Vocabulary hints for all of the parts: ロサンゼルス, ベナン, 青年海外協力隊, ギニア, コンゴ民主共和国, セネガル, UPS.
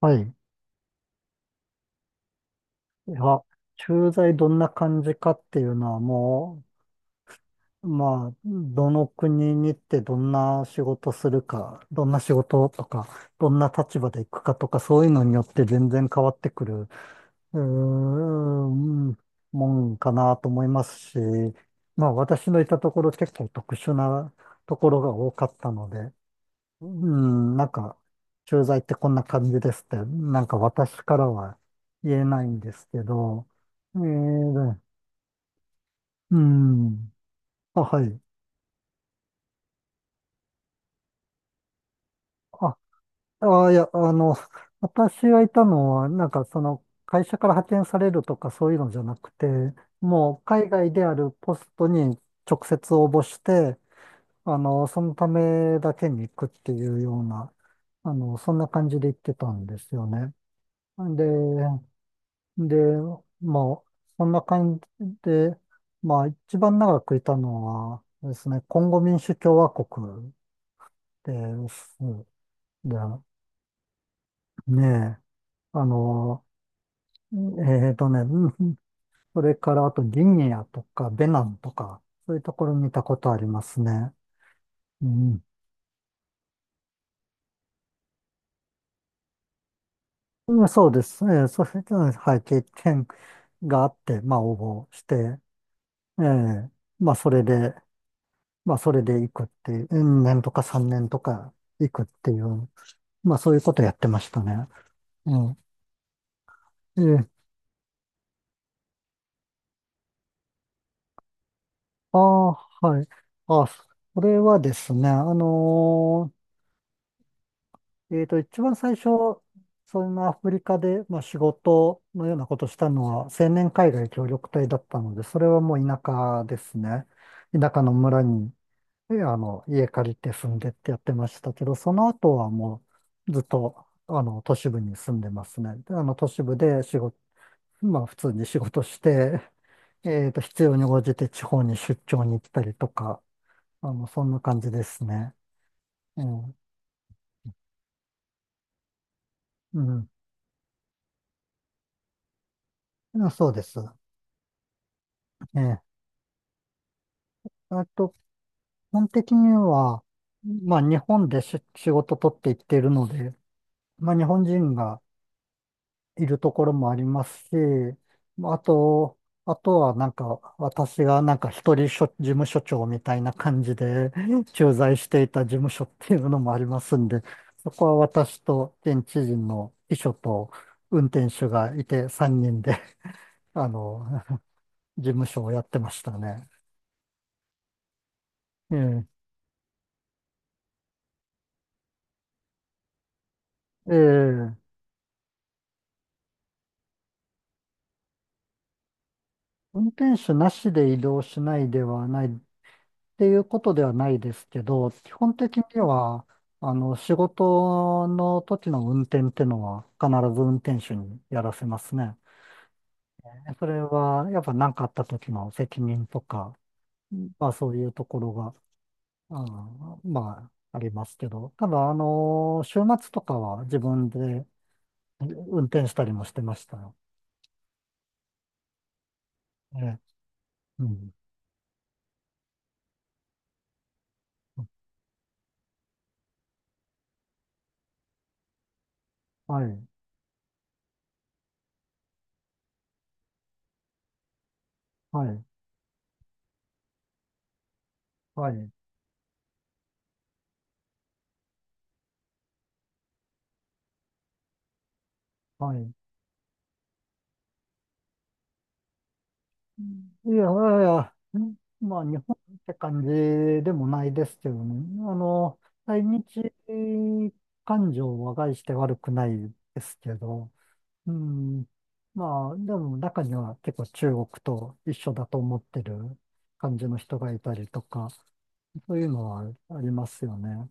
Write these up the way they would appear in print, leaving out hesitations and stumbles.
はい。いや、駐在どんな感じかっていうのはもう、まあ、どの国に行ってどんな仕事するか、どんな仕事とか、どんな立場で行くかとか、そういうのによって全然変わってくる、うーん、もんかなと思いますし、まあ私のいたところ結構特殊なところが多かったので、うん、なんか、駐在ってこんな感じですって、なんか私からは言えないんですけど、えー、うん、あ、はい。あ、あ、いや、あの、私がいたのは、会社から派遣されるとかそういうのじゃなくて、もう海外であるポストに直接応募して、そのためだけに行くっていうような、そんな感じで行ってたんですよね。で、で、まあ、そんな感じで、まあ、一番長くいたのはですね、コンゴ民主共和国です。で、ねえ、あの、えうんそれからあとギニアとかベナンとか、そういうところにいたことありますね。うん。うんそうです。そういう、うんはい、経験があって、まあ、応募して、ええまあ、それで、まあ、それで行くっていう、うん年とか3年とか行くっていう、まあ、そういうことやってましたね。うん。えああ、ーはい。あ、それはですね、一番最初、そんなアフリカで、まあ、仕事のようなことしたのは、青年海外協力隊だったので、それはもう田舎ですね。田舎の村にええ、家借りて住んでってやってましたけど、その後はもうずっと、都市部に住んでますね。で都市部で仕事、まあ、普通に仕事して、必要に応じて地方に出張に行ったりとか、そんな感じですね。ええ、うん。うんそうです。ええ。あと、基本的には、まあ、日本でし仕事取っていっているので、まあ、日本人が、いるところもありますし、まあと、あとはなんか、私がなんか一人所事務所長みたいな感じで駐在していた事務所っていうのもありますんで、そこは私と現地人の秘書と運転手がいて3人で あの、事務所をやってましたね。ええ、ええ、運転手なしで移動しないではないっていうことではないですけど、基本的には、仕事の時の運転ってのは必ず運転手にやらせますね。それは、やっぱ何かあった時の責任とか、まあそういうところが、あーまあありますけど、ただ、週末とかは自分で運転したりもしてましたよ。ええうん。はい、はい、はい、はい。いやいやいや、うんまあ日本って感じでもないですけどね。あの、対日感情は概して悪くないですけど、うん、まあでも中には結構中国と一緒だと思ってる感じの人がいたりとか、そういうのはありますよね。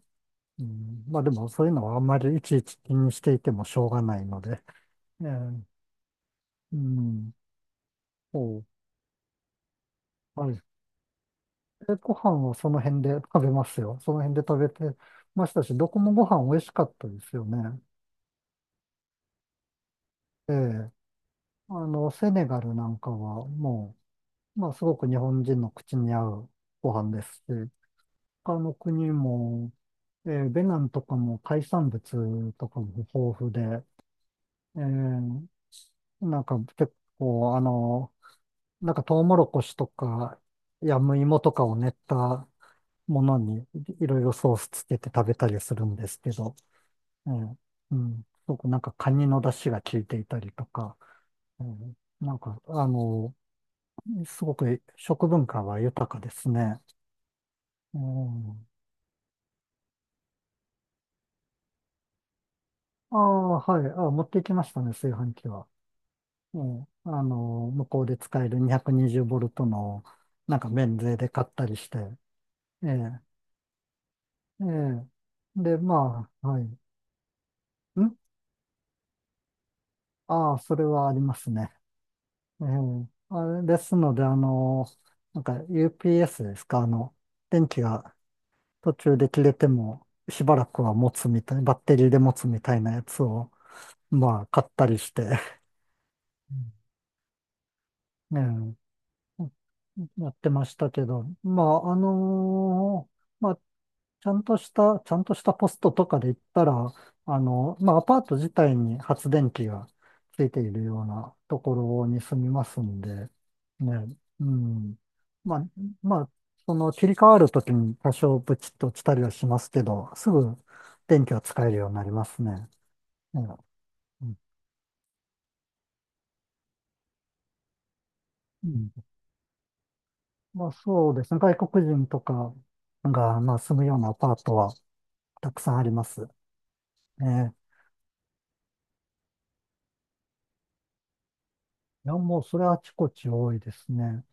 うん、まあでもそういうのはあんまりいちいち気にしていてもしょうがないので、ええうん、そはいでご飯はその辺で食べますよ。その辺で食べてましたし、どこもご飯美味しかったですよね。ええ。セネガルなんかはもう、まあ、すごく日本人の口に合うご飯ですし、他の国も、えーベナンとかも海産物とかも豊富で、えーなんか結構、あの、なんかトウモロコシとか、ヤムイモとかを練ったものにいろいろソースつけて食べたりするんですけど、ええ、うん、すごくなんかカニの出汁が効いていたりとか、うん、なんか、あの、すごく食文化は豊かですね。うん、ああ、はい、あ、持ってきましたね、炊飯器は。うん、向こうで使える220ボルトの、なんか免税で買ったりして、ええ、ええ、で、まあ、はい。んああ、それはありますね。ええ、あれですので、なんか UPS ですか、電気が途中で切れてもしばらくは持つみたい、バッテリーで持つみたいなやつを、まあ、買ったりして、うん、ええやってましたけど、まあ、ちゃんとした、ちゃんとしたポストとかで言ったら、まあ、アパート自体に発電機がついているようなところに住みますんで、ね、うん。まあ、まあ、その切り替わるときに多少ブチッと落ちたりはしますけど、すぐ電気は使えるようになりますね。ねうんうんまあ、そうですね。外国人とかが、まあ、住むようなアパートはたくさんあります。ね。いや、もうそれはあちこち多いですね。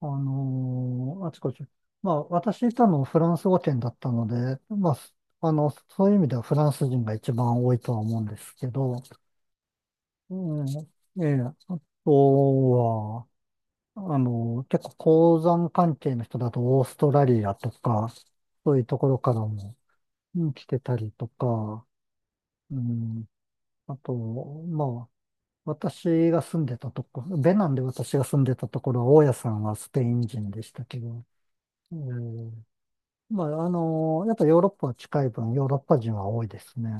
あのーあちこち。まあ、私いたのフランス語圏だったので、あの、そういう意味ではフランス人が一番多いとは思うんですけど、うん、ええ、あとは、結構鉱山関係の人だとオーストラリアとか、そういうところからも、うん来てたりとか、うん、あと、まあ、私が住んでたとこ、ベナンで私が住んでたところは、大家さんはスペイン人でしたけど、うんまあ、あのーやっぱヨーロッパは近い分、ヨーロッパ人は多いですね。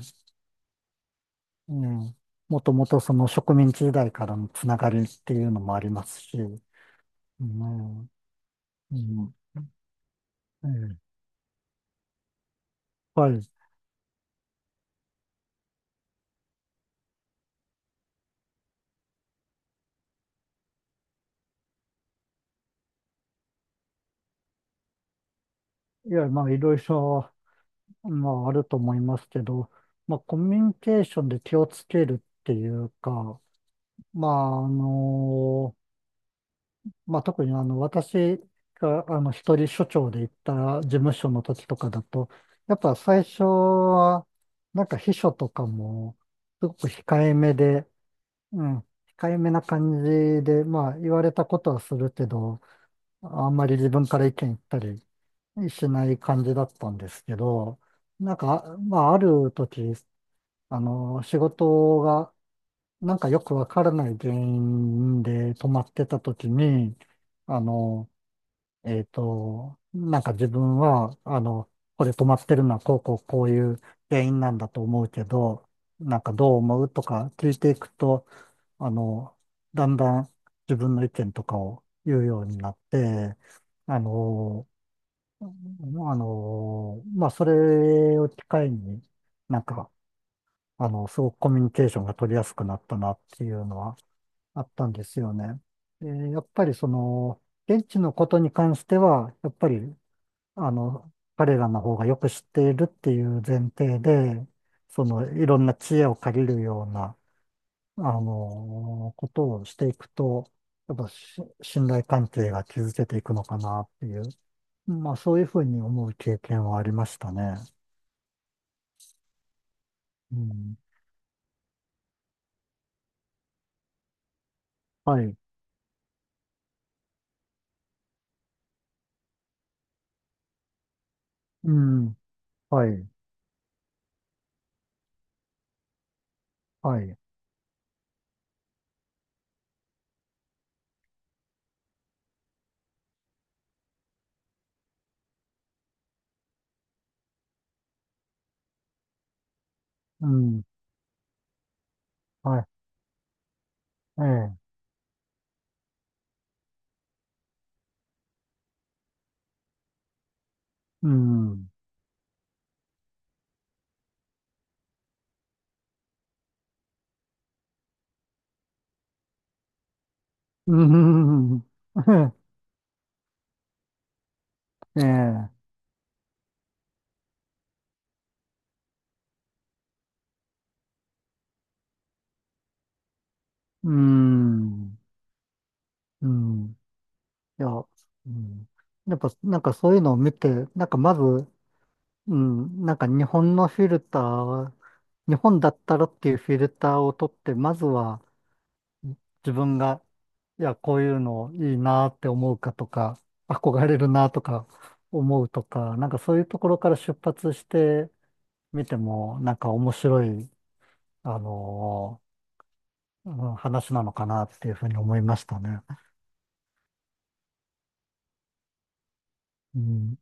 うん。もともとその植民地時代からのつながりっていうのもありますし、うん、うん、ええはい。いや、まあ、いろいろ、まあ、あると思いますけど、まあ、コミュニケーションで気をつけるっていうか、まあ、あのまあ、特にあの、私が、一人所長で行った事務所の時とかだと、やっぱ最初は、なんか秘書とかも、すごく控えめで、うん、控えめな感じで、まあ、言われたことはするけど、あんまり自分から意見言ったりしない感じだったんですけど、なんか、まあ、ある時、仕事が、なんかよくわからない原因で止まってた時に、あの、なんか自分は、これ止まってるのはこうこうこういう原因なんだと思うけど、なんかどう思うとか聞いていくと、あの、だんだん自分の意見とかを言うようになって、あの、まあ、それを機会に、なんか、すごくコミュニケーションが取りやすくなったなっていうのはあったんですよね。でやっぱりその、現地のことに関しては、やっぱり彼らの方がよく知っているっていう前提で、その、いろんな知恵を借りるような、ことをしていくと、やっぱし信頼関係が築けていくのかなっていう、まあそういうふうに思う経験はありましたね。うん。はい。うん。はい。はい。うん。はい。ええ。うん。うん。ええ。うん。うん。いや、うん。やっぱ、なんかそういうのを見て、なんかまず、うん、なんか日本のフィルター、日本だったらっていうフィルターを取って、まずは自分が、いや、こういうのいいなって思うかとか、憧れるなとか思うとか、なんかそういうところから出発してみても、なんか面白い、あのーうん話なのかなっていうふうに思いましたね。うん